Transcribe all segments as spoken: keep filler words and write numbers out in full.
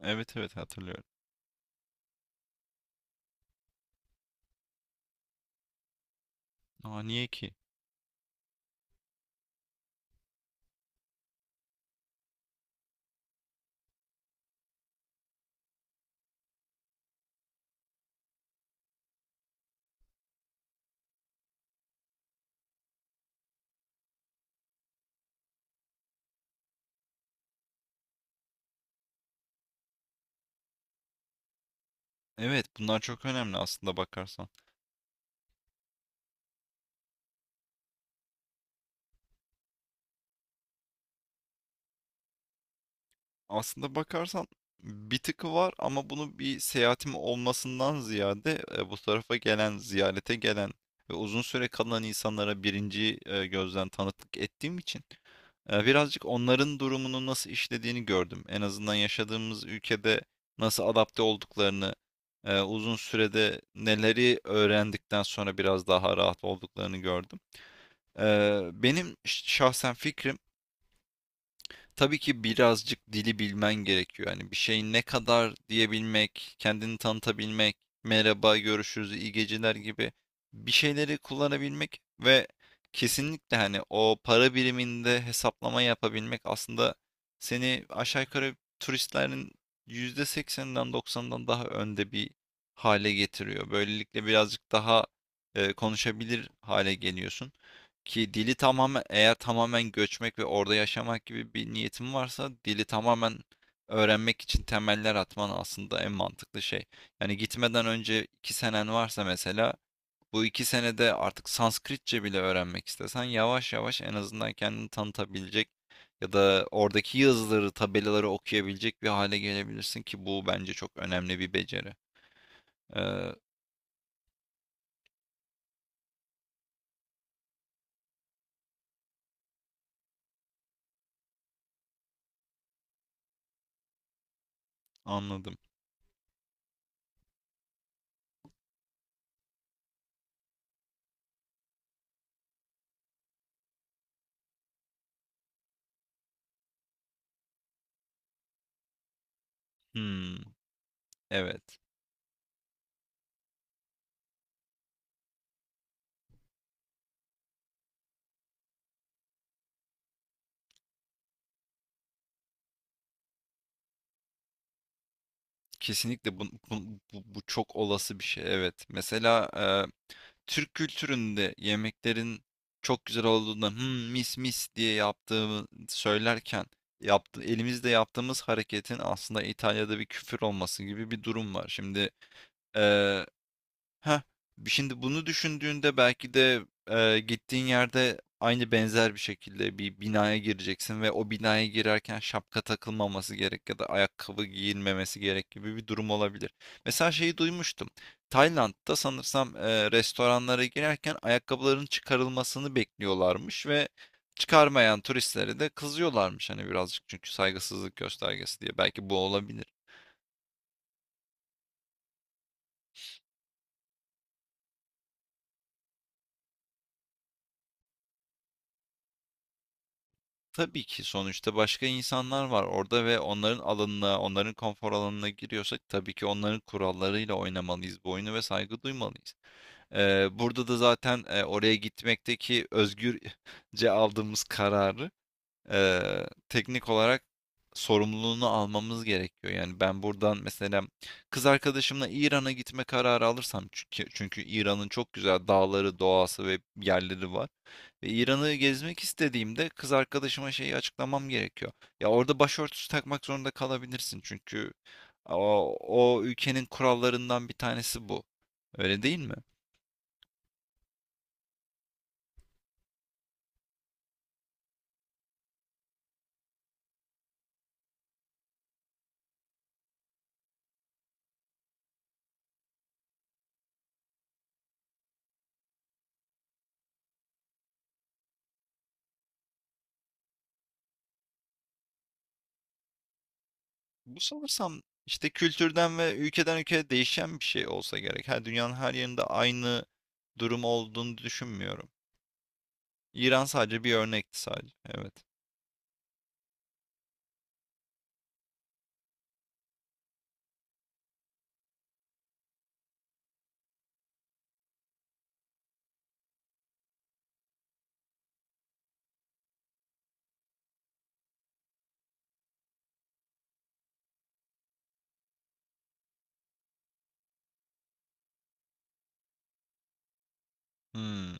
Evet evet hatırlıyorum. Aa niye ki? Evet, bunlar çok önemli aslında bakarsan. Aslında bakarsan bir tıkı var ama bunu bir seyahatim olmasından ziyade e, bu tarafa gelen, ziyarete gelen ve uzun süre kalan insanlara birinci e, gözden tanıklık ettiğim için e, birazcık onların durumunu nasıl işlediğini gördüm. En azından yaşadığımız ülkede nasıl adapte olduklarını, e, uzun sürede neleri öğrendikten sonra biraz daha rahat olduklarını gördüm. Eee, benim şahsen fikrim, tabii ki birazcık dili bilmen gerekiyor. Yani bir şeyi ne kadar diyebilmek, kendini tanıtabilmek, merhaba, görüşürüz, iyi geceler gibi bir şeyleri kullanabilmek ve kesinlikle hani o para biriminde hesaplama yapabilmek aslında seni aşağı yukarı turistlerin yüzde sekseninden doksanından daha önde bir hale getiriyor. Böylelikle birazcık daha eee, konuşabilir hale geliyorsun. Ki dili tamamen eğer tamamen göçmek ve orada yaşamak gibi bir niyetin varsa dili tamamen öğrenmek için temeller atman aslında en mantıklı şey. Yani gitmeden önce iki senen varsa mesela bu iki senede artık Sanskritçe bile öğrenmek istesen yavaş yavaş en azından kendini tanıtabilecek ya da oradaki yazıları, tabelaları okuyabilecek bir hale gelebilirsin ki bu bence çok önemli bir beceri. Ee, anladım. Hmm, evet. Kesinlikle bu, bu, bu- bu çok olası bir şey. Evet. Mesela e, Türk kültüründe yemeklerin çok güzel olduğunda "Hmm, mis mis diye yaptığımı söylerken yaptı, elimizde yaptığımız hareketin aslında İtalya'da bir küfür olması gibi bir durum var. Şimdi Heh, şimdi bunu düşündüğünde belki de, eee, gittiğin yerde aynı benzer bir şekilde bir binaya gireceksin ve o binaya girerken şapka takılmaması gerek ya da ayakkabı giyilmemesi gerek gibi bir durum olabilir. Mesela şeyi duymuştum. Tayland'da sanırsam, eee, restoranlara girerken ayakkabıların çıkarılmasını bekliyorlarmış ve çıkarmayan turistlere de kızıyorlarmış, hani, birazcık çünkü saygısızlık göstergesi diye. Belki bu olabilir. Tabii ki sonuçta başka insanlar var orada ve onların alanına, onların konfor alanına giriyorsak tabii ki onların kurallarıyla oynamalıyız bu oyunu ve saygı duymalıyız. Ee, burada da zaten e, oraya gitmekteki özgürce aldığımız kararı e, teknik olarak sorumluluğunu almamız gerekiyor. Yani ben buradan mesela kız arkadaşımla İran'a gitme kararı alırsam çünkü, çünkü İran'ın çok güzel dağları, doğası ve yerleri var. Ve İran'ı gezmek istediğimde kız arkadaşıma şeyi açıklamam gerekiyor. Ya orada başörtüsü takmak zorunda kalabilirsin çünkü o, o ülkenin kurallarından bir tanesi bu. Öyle değil mi? Bu sanırsam işte kültürden ve ülkeden ülkeye değişen bir şey olsa gerek. Her dünyanın her yerinde aynı durum olduğunu düşünmüyorum. İran sadece bir örnekti sadece. Evet. Hmm.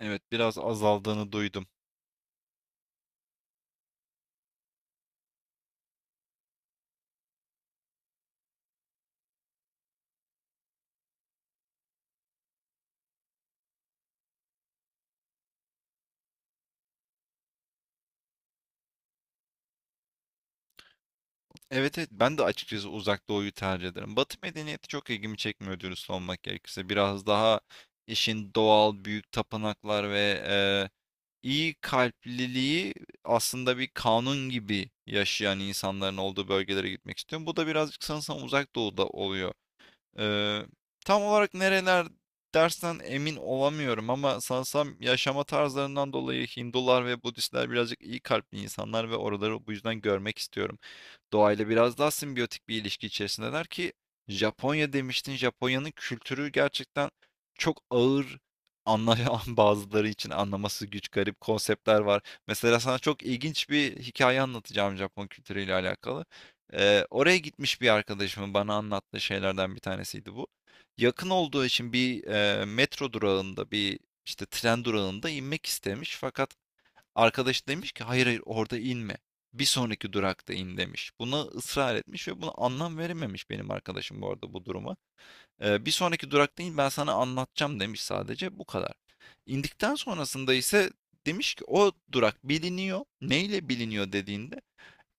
Evet, biraz azaldığını duydum. Evet evet, ben de açıkçası uzak doğuyu tercih ederim. Batı medeniyeti çok ilgimi çekmiyor dürüst olmak gerekirse. Biraz daha işin doğal büyük tapınaklar ve eee, iyi kalpliliği aslında bir kanun gibi yaşayan insanların olduğu bölgelere gitmek istiyorum. Bu da birazcık sanırsam uzak doğuda oluyor. Eee, tam olarak nereler dersen emin olamıyorum ama sanırsam yaşama tarzlarından dolayı Hindular ve Budistler birazcık iyi kalpli insanlar ve oraları bu yüzden görmek istiyorum. Doğayla biraz daha simbiyotik bir ilişki içerisindeler ki Japonya demiştin. Japonya'nın kültürü gerçekten çok ağır anlayan bazıları için anlaması güç garip konseptler var. Mesela sana çok ilginç bir hikaye anlatacağım Japon kültürüyle alakalı. Ee, oraya gitmiş bir arkadaşımın bana anlattığı şeylerden bir tanesiydi bu. Yakın olduğu için bir e, metro durağında bir işte tren durağında inmek istemiş fakat arkadaşı demiş ki hayır hayır orada inme. Bir sonraki durakta in demiş. Buna ısrar etmiş ve buna anlam verememiş benim arkadaşım bu arada bu duruma. Ee, bir sonraki durakta in ben sana anlatacağım demiş, sadece bu kadar. İndikten sonrasında ise demiş ki o durak biliniyor. Neyle biliniyor dediğinde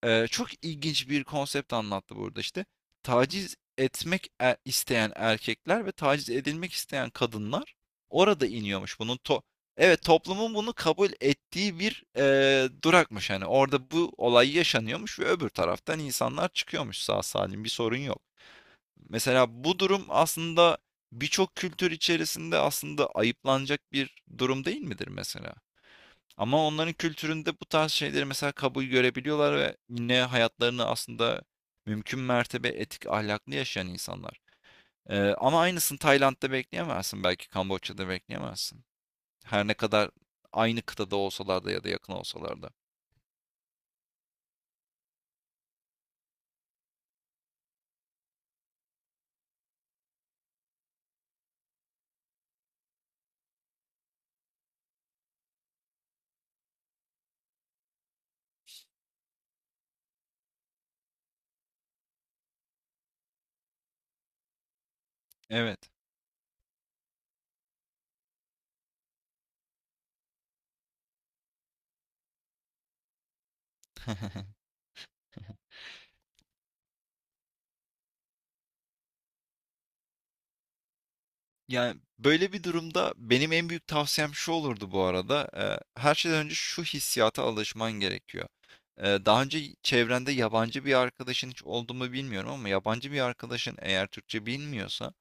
ee, çok ilginç bir konsept anlattı burada işte. Taciz etmek e- isteyen erkekler ve taciz edilmek isteyen kadınlar orada iniyormuş. Bunun to evet toplumun bunu kabul ettiği bir e, durakmış hani orada bu olay yaşanıyormuş ve öbür taraftan insanlar çıkıyormuş, sağ salim bir sorun yok. Mesela bu durum aslında birçok kültür içerisinde aslında ayıplanacak bir durum değil midir mesela? Ama onların kültüründe bu tarz şeyleri mesela kabul görebiliyorlar ve yine hayatlarını aslında mümkün mertebe etik, ahlaklı yaşayan insanlar. Eee, ama aynısını Tayland'da bekleyemezsin, belki Kamboçya'da bekleyemezsin. Her ne kadar aynı kıtada olsalar da ya da yakın olsalar da. Evet. Yani böyle bir durumda benim en büyük tavsiyem şu olurdu bu arada. e, her şeyden önce şu hissiyata alışman gerekiyor. E, daha önce çevrende yabancı bir arkadaşın hiç oldu mu bilmiyorum ama yabancı bir arkadaşın eğer Türkçe bilmiyorsa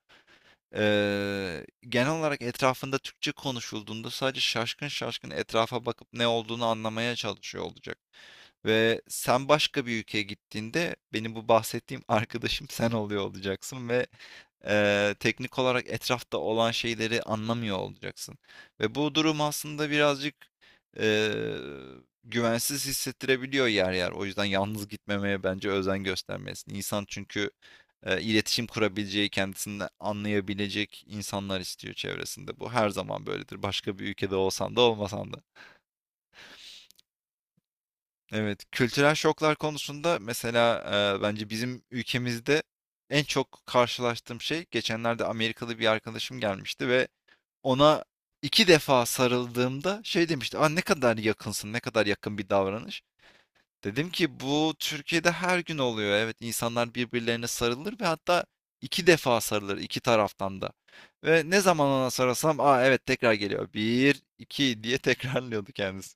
e, genel olarak etrafında Türkçe konuşulduğunda sadece şaşkın şaşkın etrafa bakıp ne olduğunu anlamaya çalışıyor olacak. Ve sen başka bir ülkeye gittiğinde benim bu bahsettiğim arkadaşım sen oluyor olacaksın ve eee, teknik olarak etrafta olan şeyleri anlamıyor olacaksın. Ve bu durum aslında birazcık eee, güvensiz hissettirebiliyor yer yer. O yüzden yalnız gitmemeye bence özen göstermelisin. İnsan çünkü eee, iletişim kurabileceği, kendisini anlayabilecek insanlar istiyor çevresinde. Bu her zaman böyledir. Başka bir ülkede olsan da olmasan da. Evet, kültürel şoklar konusunda mesela eee, bence bizim ülkemizde en çok karşılaştığım şey geçenlerde Amerikalı bir arkadaşım gelmişti ve ona iki defa sarıldığımda şey demişti. Aa, ne kadar yakınsın, ne kadar yakın bir davranış. Dedim ki bu Türkiye'de her gün oluyor. Evet, insanlar birbirlerine sarılır ve hatta iki defa sarılır iki taraftan da. Ve ne zaman ona sarılsam, aa evet, tekrar geliyor. Bir, iki diye tekrarlıyordu kendisi.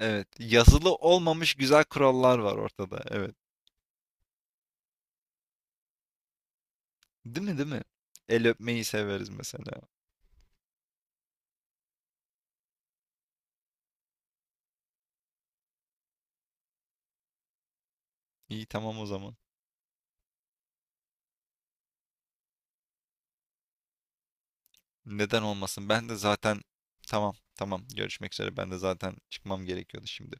Evet, yazılı olmamış güzel kurallar var ortada. Evet, değil mi değil mi? El öpmeyi severiz mesela. İyi, tamam o zaman. Neden olmasın? Ben de zaten tamam tamam, görüşmek üzere. Ben de zaten çıkmam gerekiyordu şimdi.